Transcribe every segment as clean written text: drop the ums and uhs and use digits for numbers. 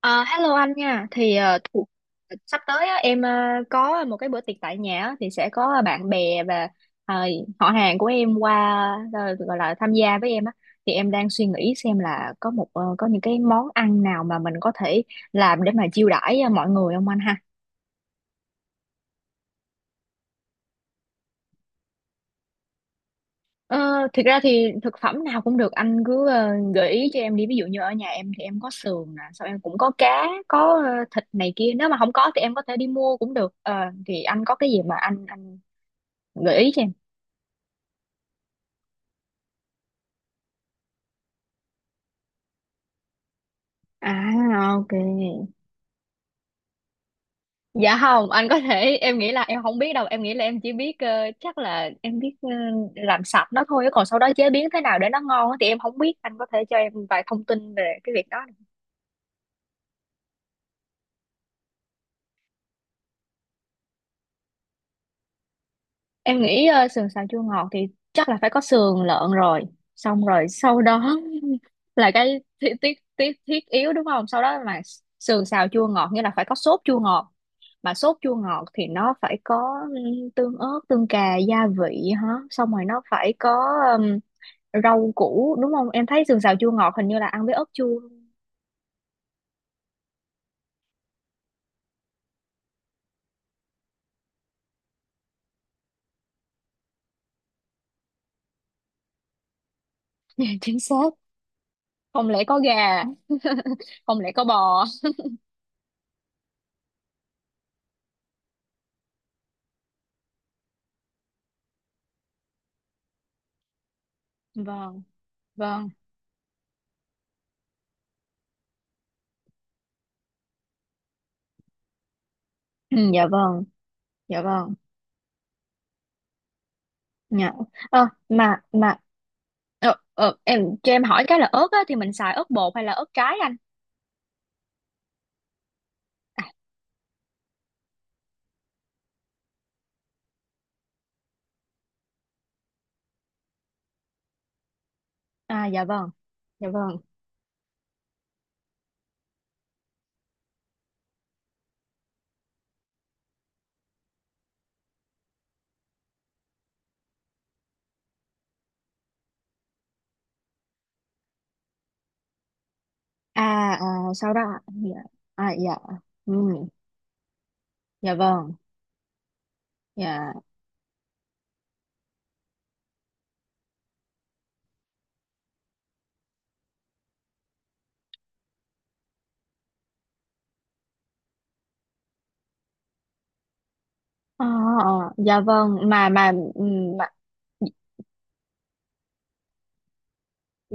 Ờ, Hello anh nha. Thì sắp tới á, em có một cái bữa tiệc tại nhà á, thì sẽ có bạn bè và ờ, họ hàng của em qua gọi là tham gia với em á. Thì em đang suy nghĩ xem là có những cái món ăn nào mà mình có thể làm để mà chiêu đãi mọi người không anh ha? Ờ, Thực ra thì thực phẩm nào cũng được, anh cứ gợi ý cho em đi, ví dụ như ở nhà em thì em có sườn nè, xong em cũng có cá, có thịt này kia, nếu mà không có thì em có thể đi mua cũng được. Ờ, thì anh có cái gì mà anh gợi ý cho em. À, ok. Dạ không, anh có thể, em nghĩ là em không biết đâu, em nghĩ là em chỉ biết chắc là em biết làm sạch nó thôi, còn sau đó chế biến thế nào để nó ngon á thì em không biết, anh có thể cho em vài thông tin về cái việc đó. Em nghĩ sườn xào chua ngọt thì chắc là phải có sườn lợn rồi. Xong rồi sau đó là cái thiết thiết thiết thiết yếu đúng không? Sau đó mà sườn xào chua ngọt nghĩa là phải có sốt chua ngọt. Mà sốt chua ngọt thì nó phải có tương ớt, tương cà, gia vị hả? Xong rồi nó phải có ừm, rau củ đúng không? Em thấy sườn xào chua ngọt hình như là ăn với ớt chua. Chính xác. Không lẽ có gà? Không lẽ có bò? Vâng, vâng. Ừ, dạ vâng, dạ vâng. Dạ. Ờ, mà mà em cho em hỏi cái là ớt á, thì mình xài ớt bột hay là ớt trái anh? À dạ vâng, dạ vâng. À, à, sau đó ạ. Dạ, à dạ. Ừ, dạ vâng. Dạ. Ờ, ờ, dạ vâng mà ừ, mà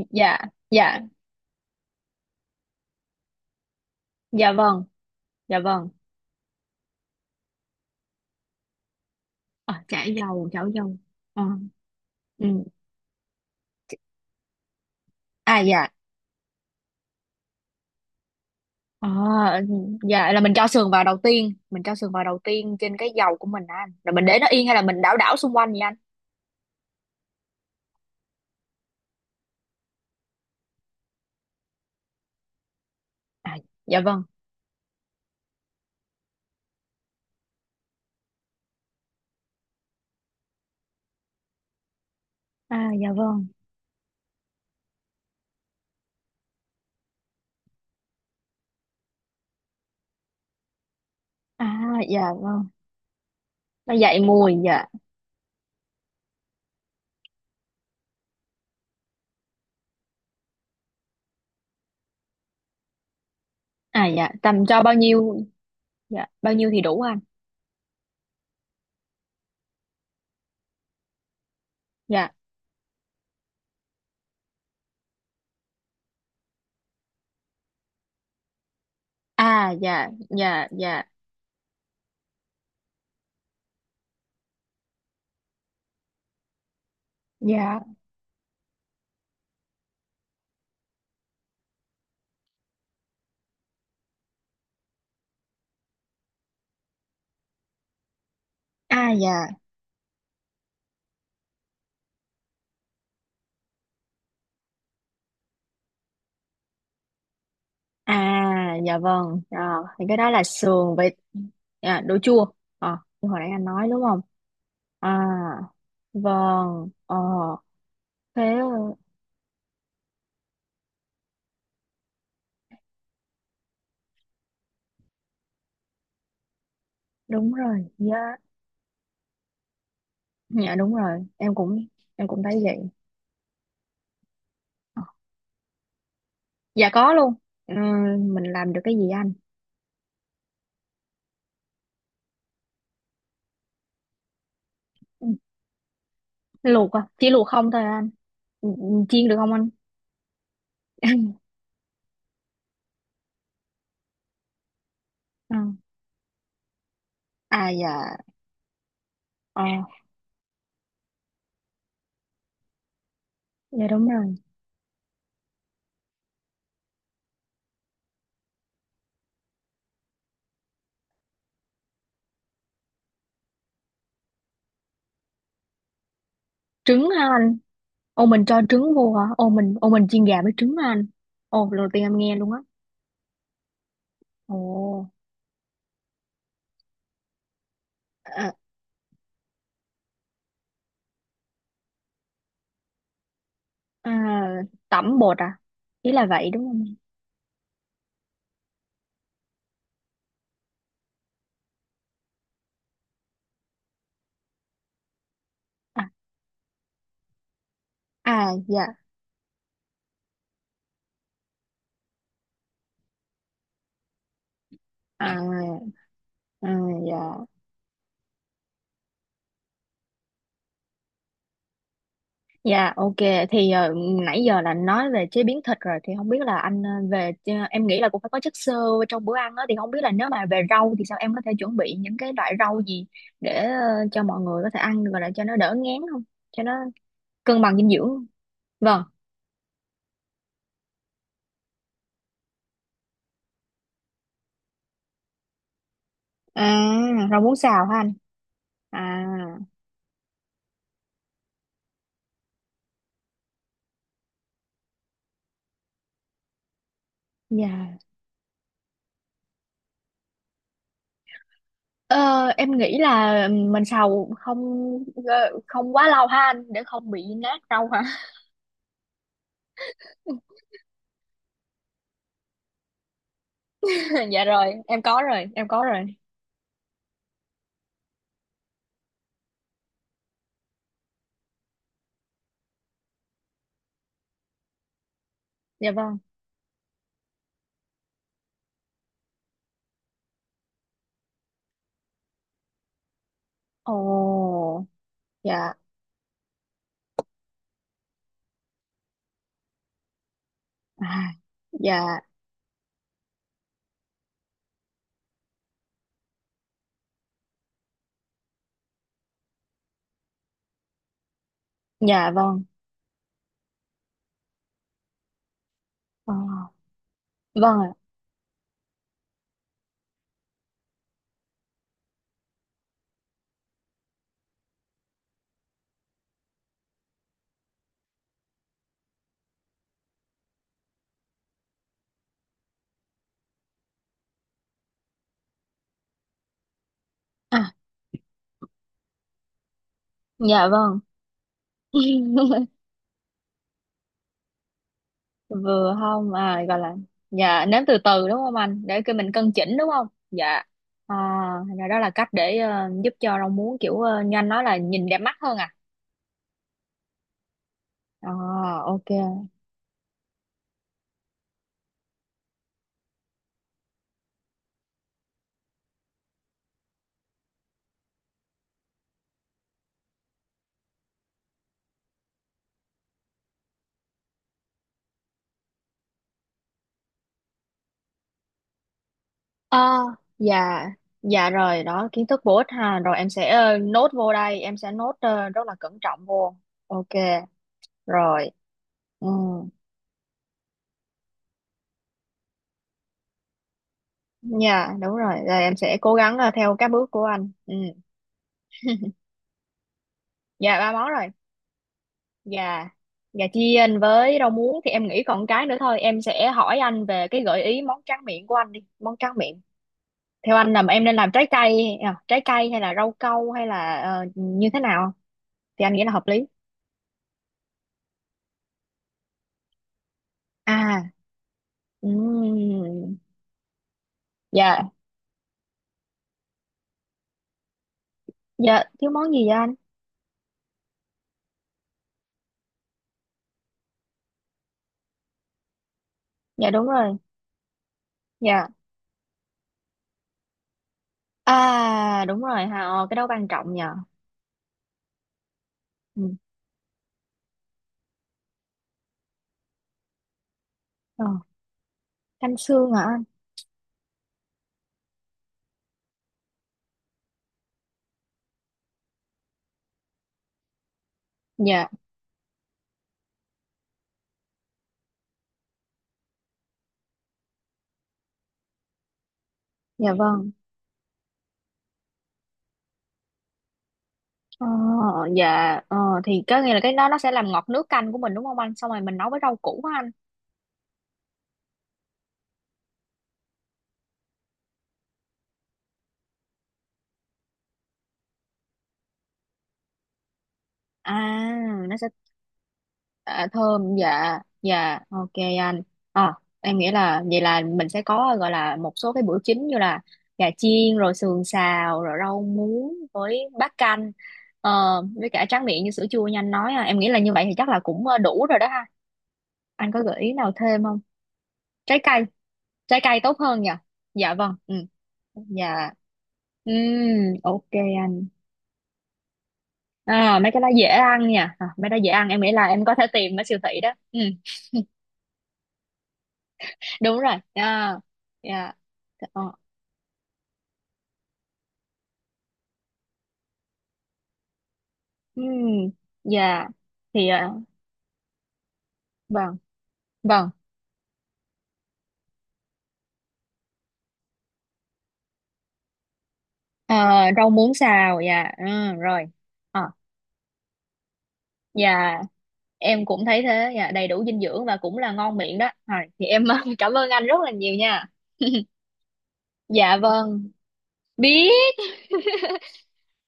dạ, dạ dạ vâng, dạ vâng. Chảo dầu. Ờ, ừ. À dạ. Ờ, ừ. Dạ, là mình cho sườn vào đầu tiên, mình cho sườn vào đầu tiên trên cái dầu của mình á anh. Rồi mình để nó yên hay là mình đảo đảo xung quanh vậy anh? À dạ vâng. À dạ vâng. À dạ vâng, nó dậy mùi dạ. À dạ, tầm cho bao nhiêu? Dạ bao nhiêu thì đủ anh? Dạ. À dạ dạ dạ. Dạ, à dạ. À dạ vâng. À, thì cái đó là sườn với... Dạ, đồ chua. Ờ, như hồi nãy anh nói đúng không. À vâng, ờ thế đúng rồi. Dạ, dạ đúng rồi, em cũng thấy vậy. Ờ, dạ có luôn. Ờ, mình làm được cái gì anh? Ừ. Luộc à, chỉ luộc không thôi à anh? Ừ, ừ, chiên được không anh? À, à dạ. ờ dạ đúng rồi. Trứng hả anh? Ô, mình cho trứng vô hả? Ô, mình chiên gà với trứng hả anh? Ô, lần đầu tiên em nghe luôn á. Ồ. À, à, tẩm bột à, ý là vậy đúng không? À, à dạ. À, à dạ. Dạ, ok. Thì nãy giờ là nói về chế biến thịt rồi, thì không biết là anh em nghĩ là cũng phải có chất xơ trong bữa ăn đó, thì không biết là nếu mà về rau thì sao, em có thể chuẩn bị những cái loại rau gì để cho mọi người có thể ăn được rồi để cho nó đỡ ngán, không cho nó cân bằng dinh dưỡng không? Vâng. À, rau muống xào hả anh? À dạ. Ờ, em nghĩ là mình xào ờ, không quá lâu ha anh, để không bị nát rau hả. Dạ rồi, em có rồi, em có rồi. Dạ vâng. Ồ, dạ, à, dạ, dạ vâng. Ờ, vâng ạ, à, dạ vâng. Vừa không, à, gọi là, dạ, nếm từ từ đúng không anh, để cái mình cân chỉnh đúng không, dạ. À, thành ra đó là cách để giúp cho rau muống kiểu như anh nói là nhìn đẹp mắt hơn à. À, ok, à, dạ. Dạ rồi, đó, kiến thức bổ ích ha, rồi em sẽ nốt vô đây, em sẽ nốt rất là cẩn trọng vô. Ok, rồi, ừ. Dạ đúng rồi, rồi em sẽ cố gắng theo các bước của anh, ừ. Dạ, ba món rồi. Gà gà chiên với rau muống, thì em nghĩ còn cái nữa thôi, em sẽ hỏi anh về cái gợi ý món tráng miệng của anh đi. Món tráng miệng theo anh là em nên làm trái cây? À, trái cây hay là rau câu hay là như thế nào thì anh nghĩ là hợp lý? À, ừm, dạ. Dạ thiếu món gì vậy anh? Dạ đúng rồi. Dạ, à đúng rồi ha, ờ, cái đó quan trọng nhờ. Ừ. Ờ, canh xương hả anh? Dạ. Dạ vâng. Ờ, dạ, ờ, thì có nghĩa là cái đó nó sẽ làm ngọt nước canh của mình đúng không anh, xong rồi mình nấu với rau củ á anh. À, nó sẽ... À, thơm, dạ dạ, ok anh. Ờ, em nghĩ là vậy là mình sẽ có gọi là một số cái bữa chính như là gà chiên rồi sườn xào rồi rau muống với bát canh, ờ, với cả tráng miệng như sữa chua như anh nói à. Em nghĩ là như vậy thì chắc là cũng đủ rồi đó ha. Anh có gợi ý nào thêm không? Trái cây. Trái cây tốt hơn nhỉ. Dạ vâng, ừ, dạ. Ừm, ok anh. À, mấy cái đó dễ ăn nha, à, mấy đó dễ ăn, em nghĩ là em có thể tìm ở siêu thị đó, ừ, đúng rồi. À, dạ, ờ, ừ, dạ thì à, vâng vâng. À, rau muống xào, dạ ừ, rồi. Ờ, dạ em cũng thấy thế. Dạ, đầy đủ dinh dưỡng và cũng là ngon miệng đó, rồi thì em cảm ơn anh rất là nhiều nha. Dạ vâng, biết.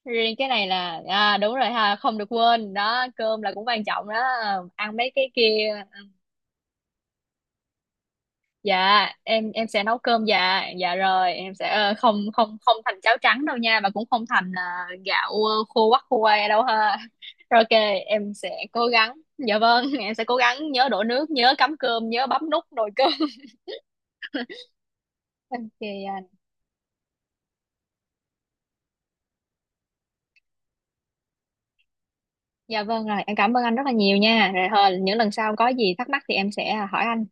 Riêng cái này là à, đúng rồi ha, không được quên đó, cơm là cũng quan trọng đó. À, ăn mấy cái kia. Dạ, em sẽ nấu cơm, dạ dạ rồi em sẽ không không không thành cháo trắng đâu nha, mà cũng không thành gạo khô quắc khô que đâu ha. Rồi, ok, em sẽ cố gắng. Dạ vâng em sẽ cố gắng nhớ đổ nước, nhớ cắm cơm, nhớ bấm nút nồi cơm. Ok anh. Dạ vâng, rồi em cảm ơn anh rất là nhiều nha, rồi thôi, những lần sau có gì thắc mắc thì em sẽ hỏi anh.